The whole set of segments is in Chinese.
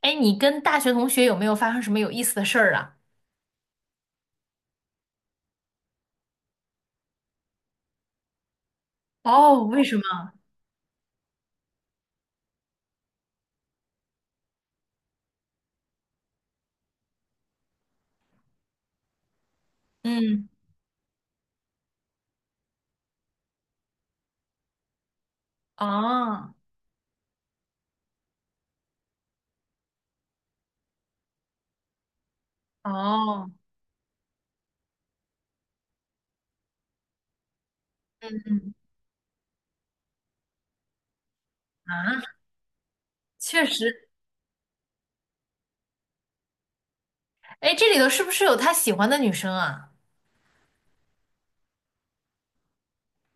哎，你跟大学同学有没有发生什么有意思的事儿啊？哦，为什么？嗯，哦，哦，嗯嗯啊，确实，哎，这里头是不是有他喜欢的女生啊？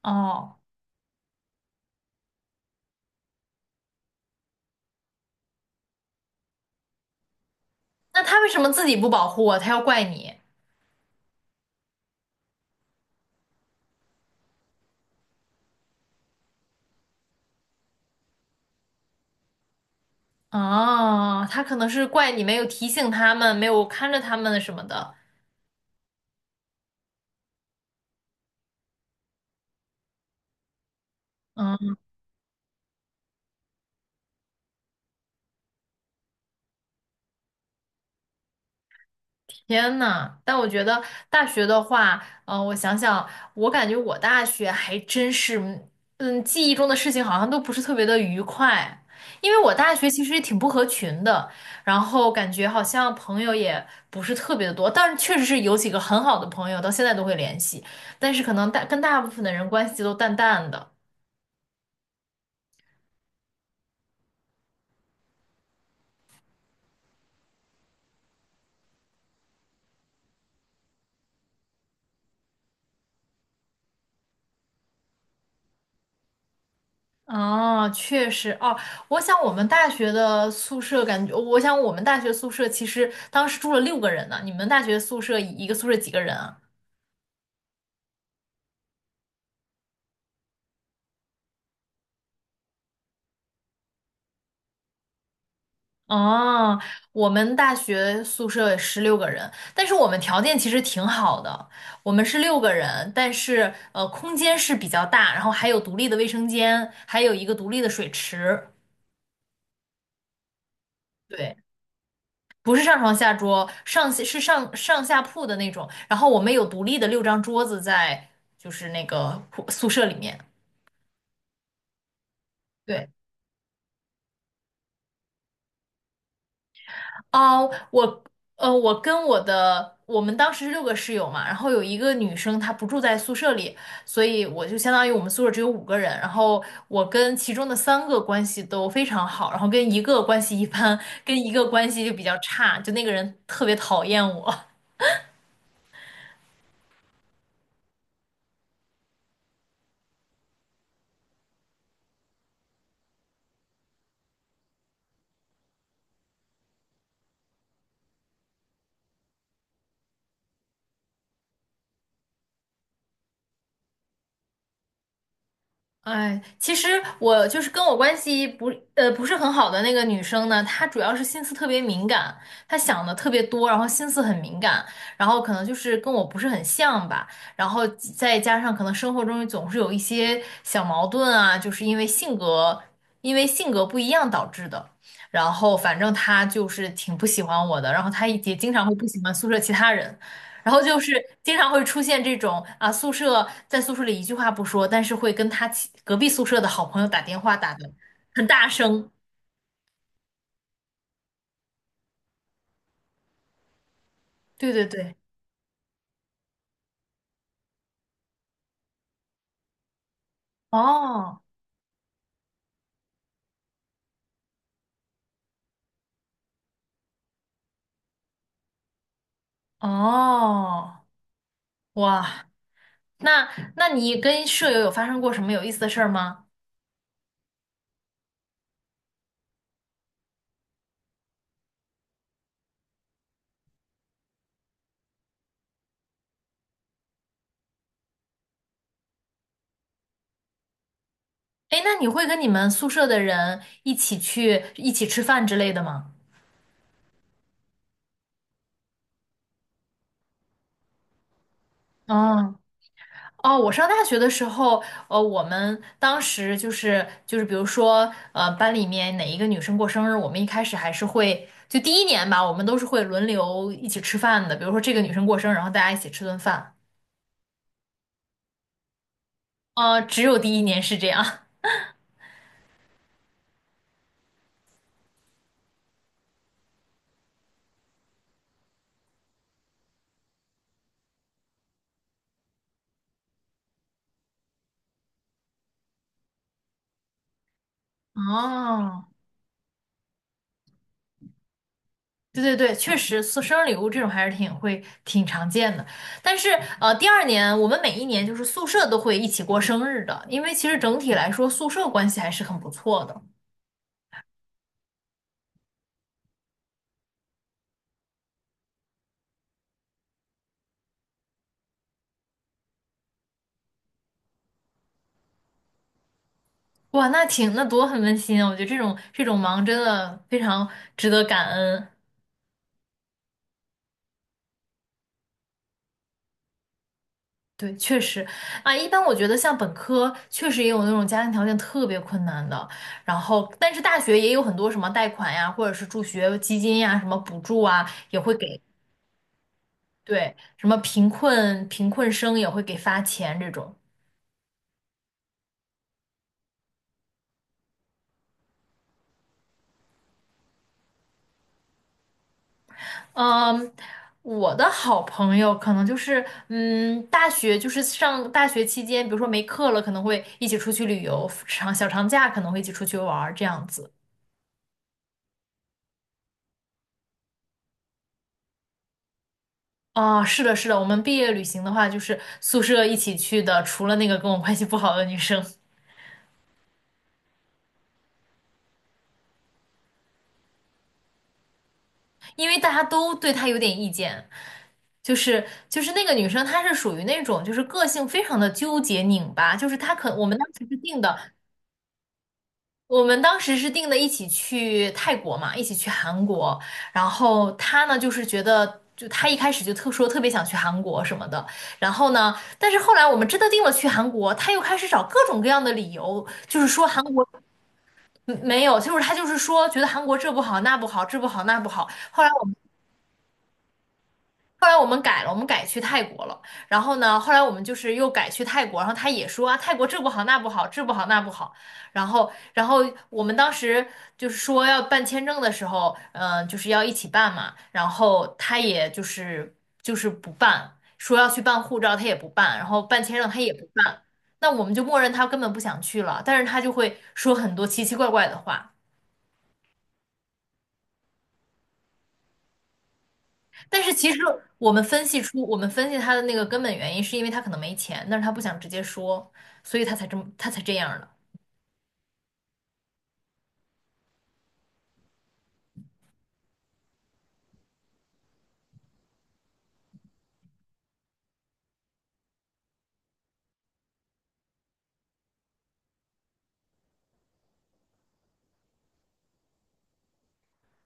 哦，那他为什么自己不保护啊？他要怪你？哦，他可能是怪你没有提醒他们，没有看着他们什么的。嗯。天呐，但我觉得大学的话，我想想，我感觉我大学还真是，嗯，记忆中的事情好像都不是特别的愉快，因为我大学其实也挺不合群的，然后感觉好像朋友也不是特别的多，但是确实是有几个很好的朋友，到现在都会联系，但是可能跟大部分的人关系都淡淡的。哦，确实哦，我想我们大学宿舍其实当时住了六个人呢。你们大学宿舍一个宿舍几个人啊？哦，我们大学宿舍16个人，但是我们条件其实挺好的，我们是六个人，但是空间是比较大，然后还有独立的卫生间，还有一个独立的水池。对，不是上床下桌，是上下铺的那种。然后我们有独立的6张桌子在，就是那个铺宿舍里面。对，哦，我跟我的我们当时是6个室友嘛，然后有一个女生她不住在宿舍里，所以我就相当于我们宿舍只有5个人，然后我跟其中的3个关系都非常好，然后跟一个关系一般，跟一个关系就比较差，就那个人特别讨厌我。哎，其实我就是跟我关系不是很好的那个女生呢，她主要是心思特别敏感，她想的特别多，然后心思很敏感，然后可能就是跟我不是很像吧，然后再加上可能生活中总是有一些小矛盾啊，就是因为性格不一样导致的，然后反正她就是挺不喜欢我的，然后她也经常会不喜欢宿舍其他人。然后就是经常会出现这种啊，宿舍在宿舍里一句话不说，但是会跟他其隔壁宿舍的好朋友打电话打的很大声。对对对，哦哦，哇，那那你跟舍友有发生过什么有意思的事儿吗？哎，那你会跟你们宿舍的人一起去一起吃饭之类的吗？嗯。哦，我上大学的时候，我们当时就是，比如说，呃，班里面哪一个女生过生日，我们一开始还是会，就第一年吧，我们都是会轮流一起吃饭的。比如说这个女生过生日，然后大家一起吃顿饭。呃，只有第一年是这样。哦，对对对，确实送生日礼物这种还是挺常见的，但是第2年我们每一年就是宿舍都会一起过生日的，因为其实整体来说宿舍关系还是很不错的。哇，那多很温馨啊！我觉得这种忙真的非常值得感恩。对，确实啊，一般我觉得像本科确实也有那种家庭条件特别困难的，然后但是大学也有很多什么贷款呀，或者是助学基金呀，什么补助啊，也会给，对，什么贫困生也会给发钱这种。嗯，我的好朋友可能就是，嗯，大学就是上大学期间，比如说没课了，可能会一起出去旅游，长小长假可能会一起出去玩儿这样子。啊，是的，是的，我们毕业旅行的话，就是宿舍一起去的，除了那个跟我关系不好的女生。因为大家都对她有点意见，就是那个女生，她是属于那种就是个性非常的纠结拧巴，就是她可我们当时是定的。我们当时是定的一起去泰国嘛，一起去韩国。然后他呢，就是觉得，就他一开始就特别想去韩国什么的。然后呢，但是后来我们真的定了去韩国，他又开始找各种各样的理由，就是说韩国嗯没有，就是他就是说觉得韩国这不好那不好，这不好那不好。后来我。们。后来我们改了，我们改去泰国了。然后呢，后来我们就是又改去泰国，然后他也说啊，泰国这不好那不好，这不好那不好。然后我们当时就是说要办签证的时候，就是要一起办嘛。然后他也不办，说要去办护照，他也不办，然后办签证他也不办。那我们就默认他根本不想去了，但是他就会说很多奇奇怪怪的话。但是其实我们分析他的那个根本原因，是因为他可能没钱，但是他不想直接说，所以他才这样的。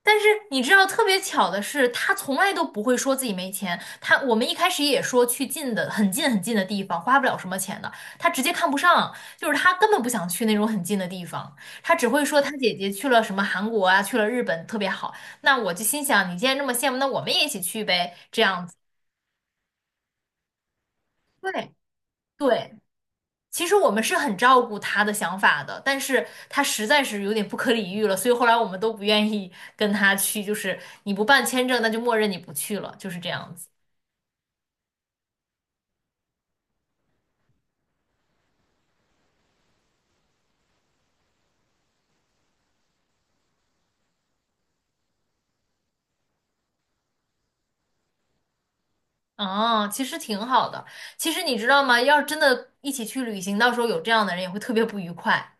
但是你知道，特别巧的是，他从来都不会说自己没钱。他我们一开始也说去近的、很近很近的地方，花不了什么钱的。他直接看不上，就是他根本不想去那种很近的地方，他只会说他姐姐去了什么韩国啊，去了日本特别好。那我就心想，你既然这么羡慕，那我们也一起去呗，这样子。对对，其实我们是很照顾他的想法的，但是他实在是有点不可理喻了，所以后来我们都不愿意 跟他去，就是你不办签证，那就默认你不去了，就是这样子。啊。其实挺好的。其实你知道吗？要是真的一起去旅行，到时候有这样的人也会特别不愉快。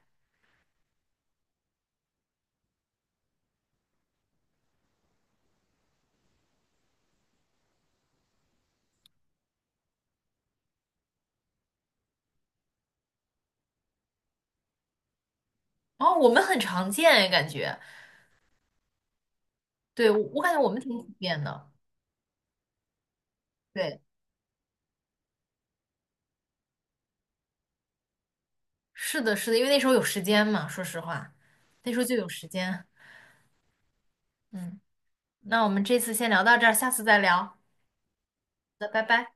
哦，我们很常见哎，感觉，对，我我感觉我们挺普遍的。对，是的，是的，因为那时候有时间嘛，说实话，那时候就有时间。嗯，那我们这次先聊到这儿，下次再聊。好的，拜拜。